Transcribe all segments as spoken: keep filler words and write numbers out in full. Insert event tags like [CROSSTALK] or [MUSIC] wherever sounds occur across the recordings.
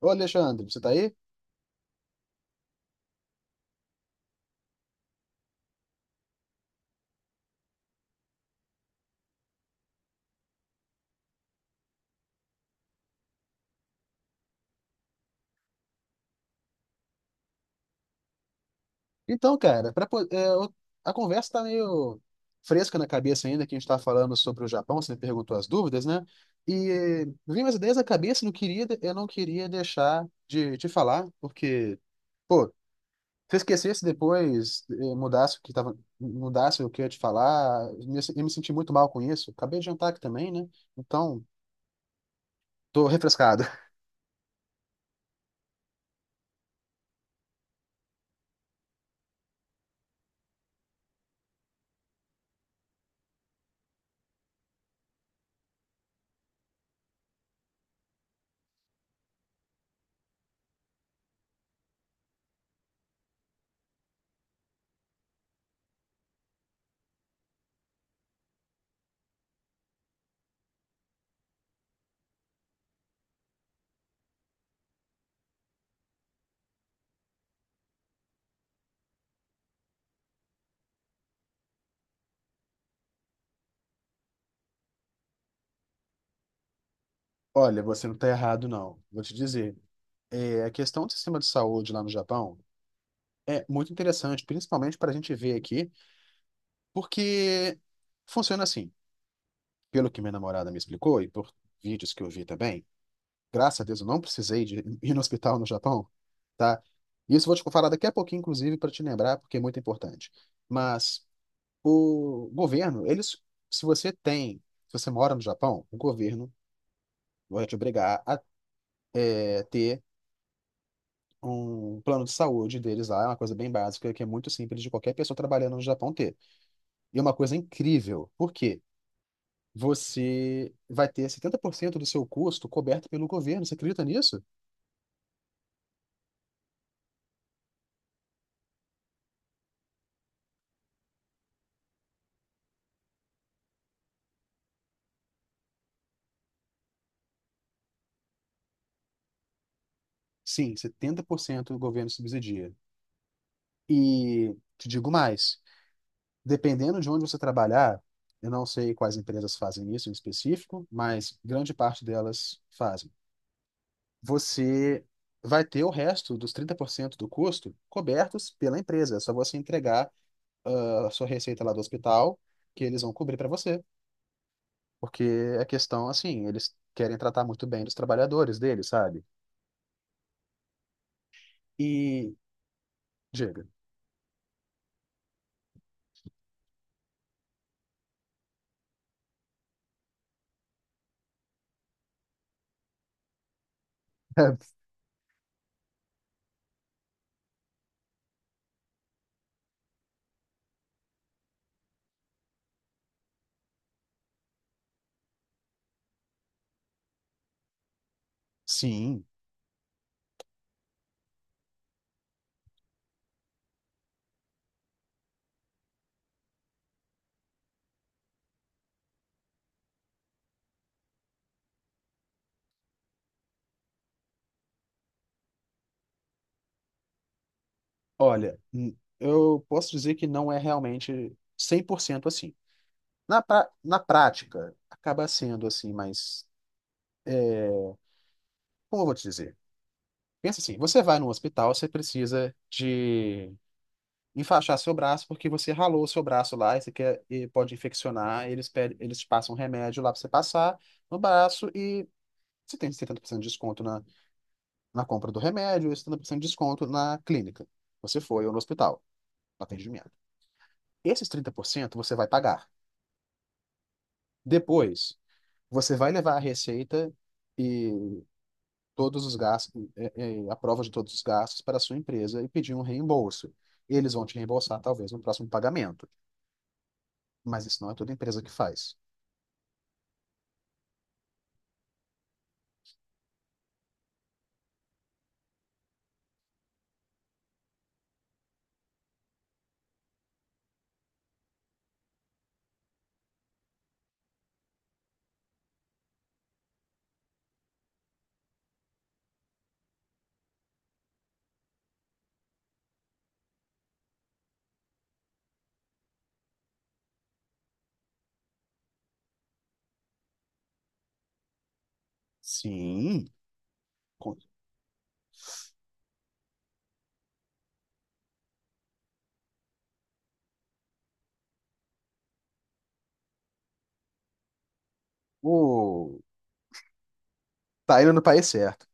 Ô, Alexandre, você tá aí? Então, cara, pra, po- é, eu- a conversa tá meio fresca na cabeça ainda, que a gente tá falando sobre o Japão, você me perguntou as dúvidas, né? E vim umas ideias na cabeça, não queria, eu não queria deixar de te falar, porque, pô, se eu esquecesse depois, eh, mudasse o que tava, mudasse o que eu ia te falar, eu me, eu me senti muito mal com isso. Acabei de jantar aqui também, né? Então, tô refrescado. [LAUGHS] Olha, você não tá errado, não. Vou te dizer. É, a questão do sistema de saúde lá no Japão é muito interessante, principalmente para a gente ver aqui, porque funciona assim. Pelo que minha namorada me explicou e por vídeos que eu vi também, graças a Deus eu não precisei de [LAUGHS] ir no hospital no Japão, tá? Isso eu vou te falar daqui a pouquinho, inclusive, para te lembrar, porque é muito importante. Mas o governo, eles, se você tem, se você mora no Japão, o governo vai te obrigar a é, ter um plano de saúde deles lá, é uma coisa bem básica, que é muito simples de qualquer pessoa trabalhando no Japão ter. E é uma coisa incrível. Por quê? Você vai ter setenta por cento do seu custo coberto pelo governo. Você acredita nisso? Sim, setenta por cento do governo subsidia. E te digo mais, dependendo de onde você trabalhar, eu não sei quais empresas fazem isso em específico, mas grande parte delas fazem. Você vai ter o resto dos trinta por cento do custo cobertos pela empresa. É só você entregar ah, a sua receita lá do hospital, que eles vão cobrir para você. Porque é questão, assim, eles querem tratar muito bem dos trabalhadores deles, sabe? E, diga. [LAUGHS] Sim, olha, n- eu posso dizer que não é realmente cem por cento assim. Na, pra- na prática, acaba sendo assim, mas como eu vou te dizer? Pensa assim, você vai no hospital, você precisa de enfaixar seu braço porque você ralou seu braço lá e, você quer, e pode infeccionar, eles, pedem, eles te passam um remédio lá para você passar no braço e você tem setenta por cento de desconto na compra do remédio, e setenta por cento de desconto na clínica. Você foi ou no hospital, no atendimento. Esses trinta por cento você vai pagar. Depois, você vai levar a receita e todos os gastos, eh, eh, a prova de todos os gastos para a sua empresa e pedir um reembolso. Eles vão te reembolsar, talvez, no próximo pagamento. Mas isso não é toda empresa que faz. Sim, com- o... tá indo no país certo.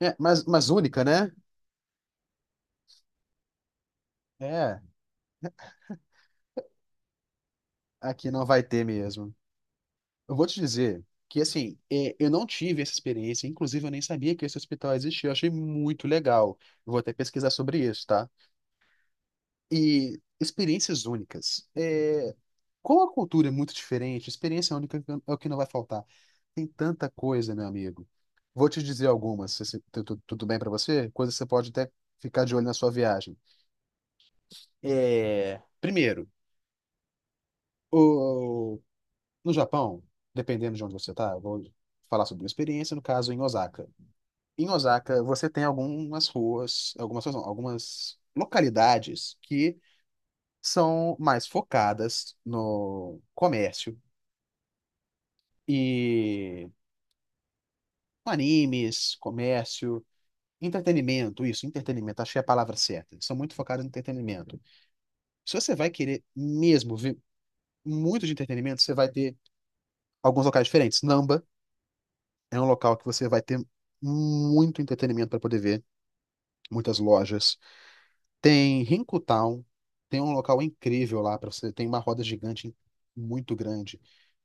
É, mas, mas única, né? É, aqui não vai ter mesmo. Eu vou te dizer que, assim, é, eu não tive essa experiência, inclusive eu nem sabia que esse hospital existia, eu achei muito legal. Eu vou até pesquisar sobre isso, tá? E experiências únicas. É, como a cultura é muito diferente, experiência única é o que não vai faltar. Tem tanta coisa, meu amigo. Vou te dizer algumas, se- se- tu- tu- tudo bem pra você? Coisas que você pode até ficar de olho na sua viagem. É, primeiro, o- no Japão, dependendo de onde você tá, eu vou falar sobre minha experiência, no caso em Osaka. Em Osaka, você tem algumas ruas, algumas, ruas não, algumas localidades que são mais focadas no comércio e animes, comércio, entretenimento, isso, entretenimento, achei a palavra certa. São muito focados no entretenimento. Se você vai querer mesmo ver muito de entretenimento, você vai ter alguns locais diferentes. Namba é um local que você vai ter muito entretenimento para poder ver, muitas lojas. Tem Town, tem um local incrível lá para você, tem uma roda gigante muito grande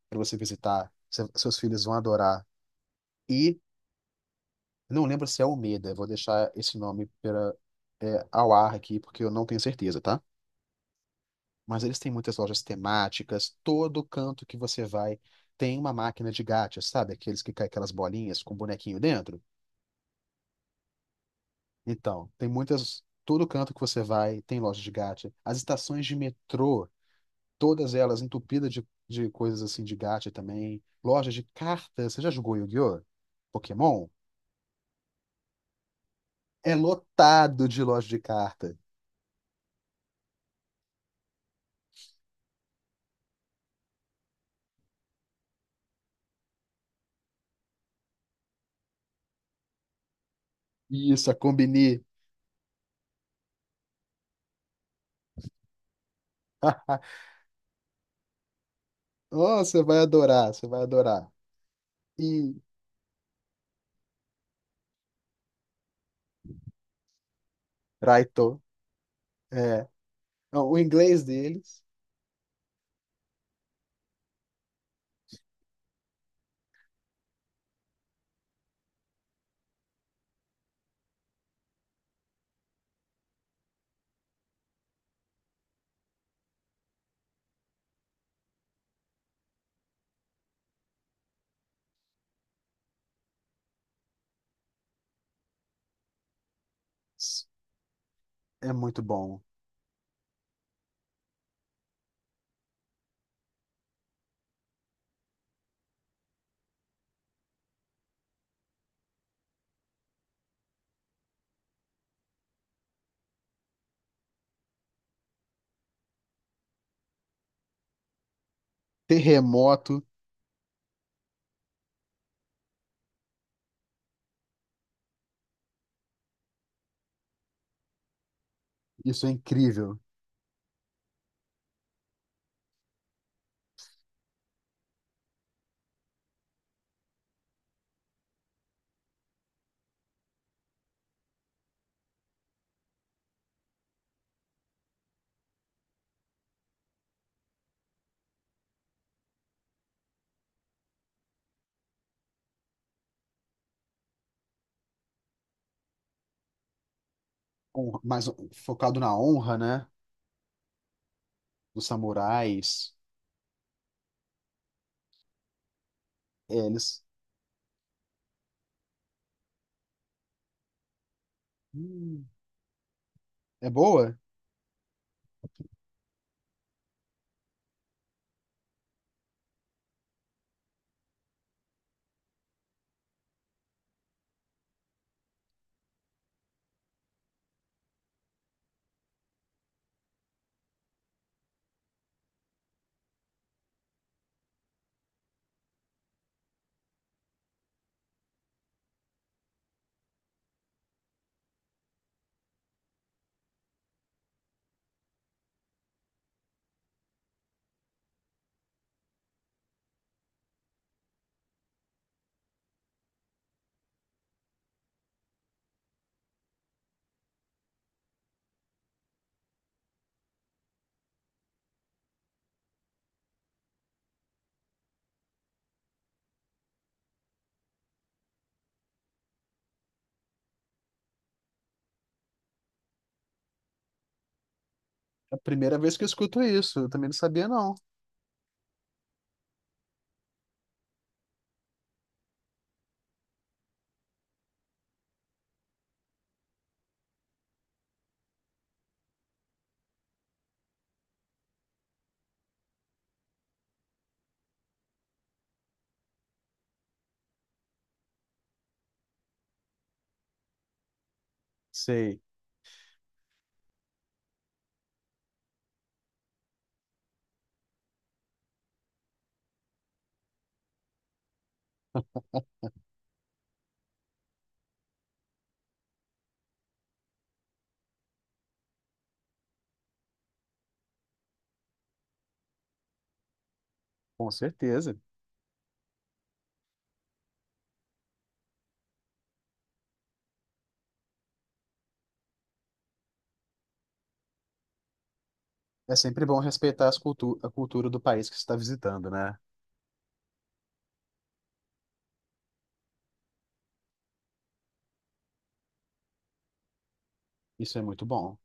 para você visitar. Se- seus filhos vão adorar. E não lembro se é Almeida, vou deixar esse nome pela, é, ao ar aqui porque eu não tenho certeza, tá? Mas eles têm muitas lojas temáticas, todo canto que você vai tem uma máquina de gacha, sabe? Aqueles que caem aquelas bolinhas com bonequinho dentro. Então, tem muitas, todo canto que você vai tem loja de gacha. As estações de metrô, todas elas entupidas de, de coisas assim de gacha também. Lojas de cartas. Você já jogou Yu-Gi-Oh? Pokémon? É lotado de loja de carta. Isso, a Combini. [LAUGHS] Oh, você vai adorar, você vai adorar. E Raito. É. Não, o inglês deles é muito bom. Terremoto, isso é incrível. Honra- Mas focado na honra, né? Dos samurais. É, eles. Hum, é boa? É a primeira vez que eu escuto isso. Eu também não sabia, não. Sei, com certeza. É sempre bom respeitar as cultu a cultura do país que você está visitando, né? Isso é muito bom.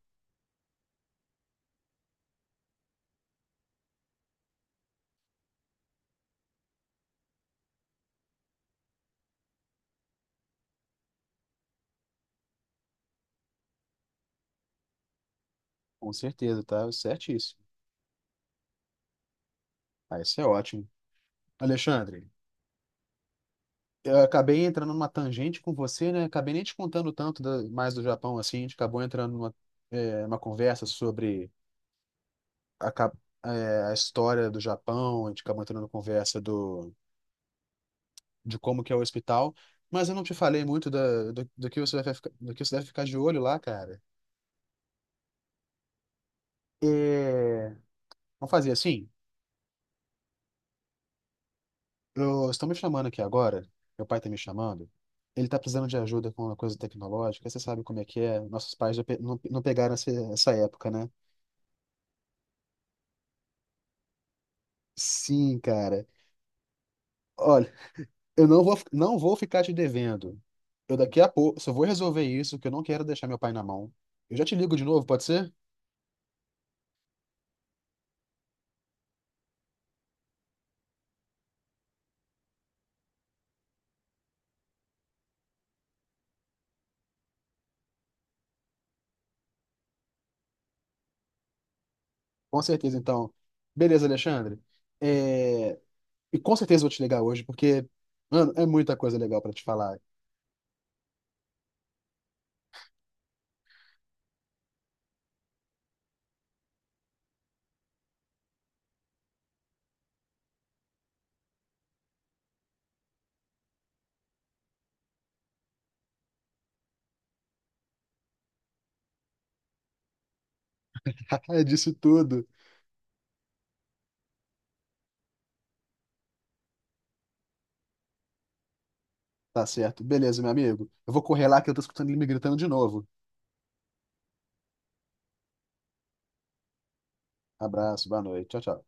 Com certeza, tá certíssimo. Ah, isso é ótimo. Alexandre, eu acabei entrando numa tangente com você, né? Acabei nem te contando tanto da- mais do Japão, assim. A gente acabou entrando numa é, uma conversa sobre a, cap- é, a história do Japão, a gente acabou entrando numa conversa do, de como que é o hospital. Mas eu não te falei muito da, do, do que você vai ficar, do que você deve ficar de olho lá, cara. É, vamos fazer assim? Eu estou me chamando aqui agora, meu pai está me chamando. Ele está precisando de ajuda com uma coisa tecnológica, você sabe como é que é. Nossos pais já pe- não, não pegaram essa, essa época, né? Sim, cara. Olha, eu não vou, não vou ficar te devendo. Eu daqui a pouco só vou resolver isso, que eu não quero deixar meu pai na mão. Eu já te ligo de novo, pode ser? Com certeza, então. Beleza, Alexandre. É, E com certeza eu vou te ligar hoje, porque, mano, é muita coisa legal para te falar. [LAUGHS] Disso tudo. Tá certo. Beleza, meu amigo. Eu vou correr lá que eu tô escutando ele me gritando de novo. Abraço, boa noite. Tchau, tchau.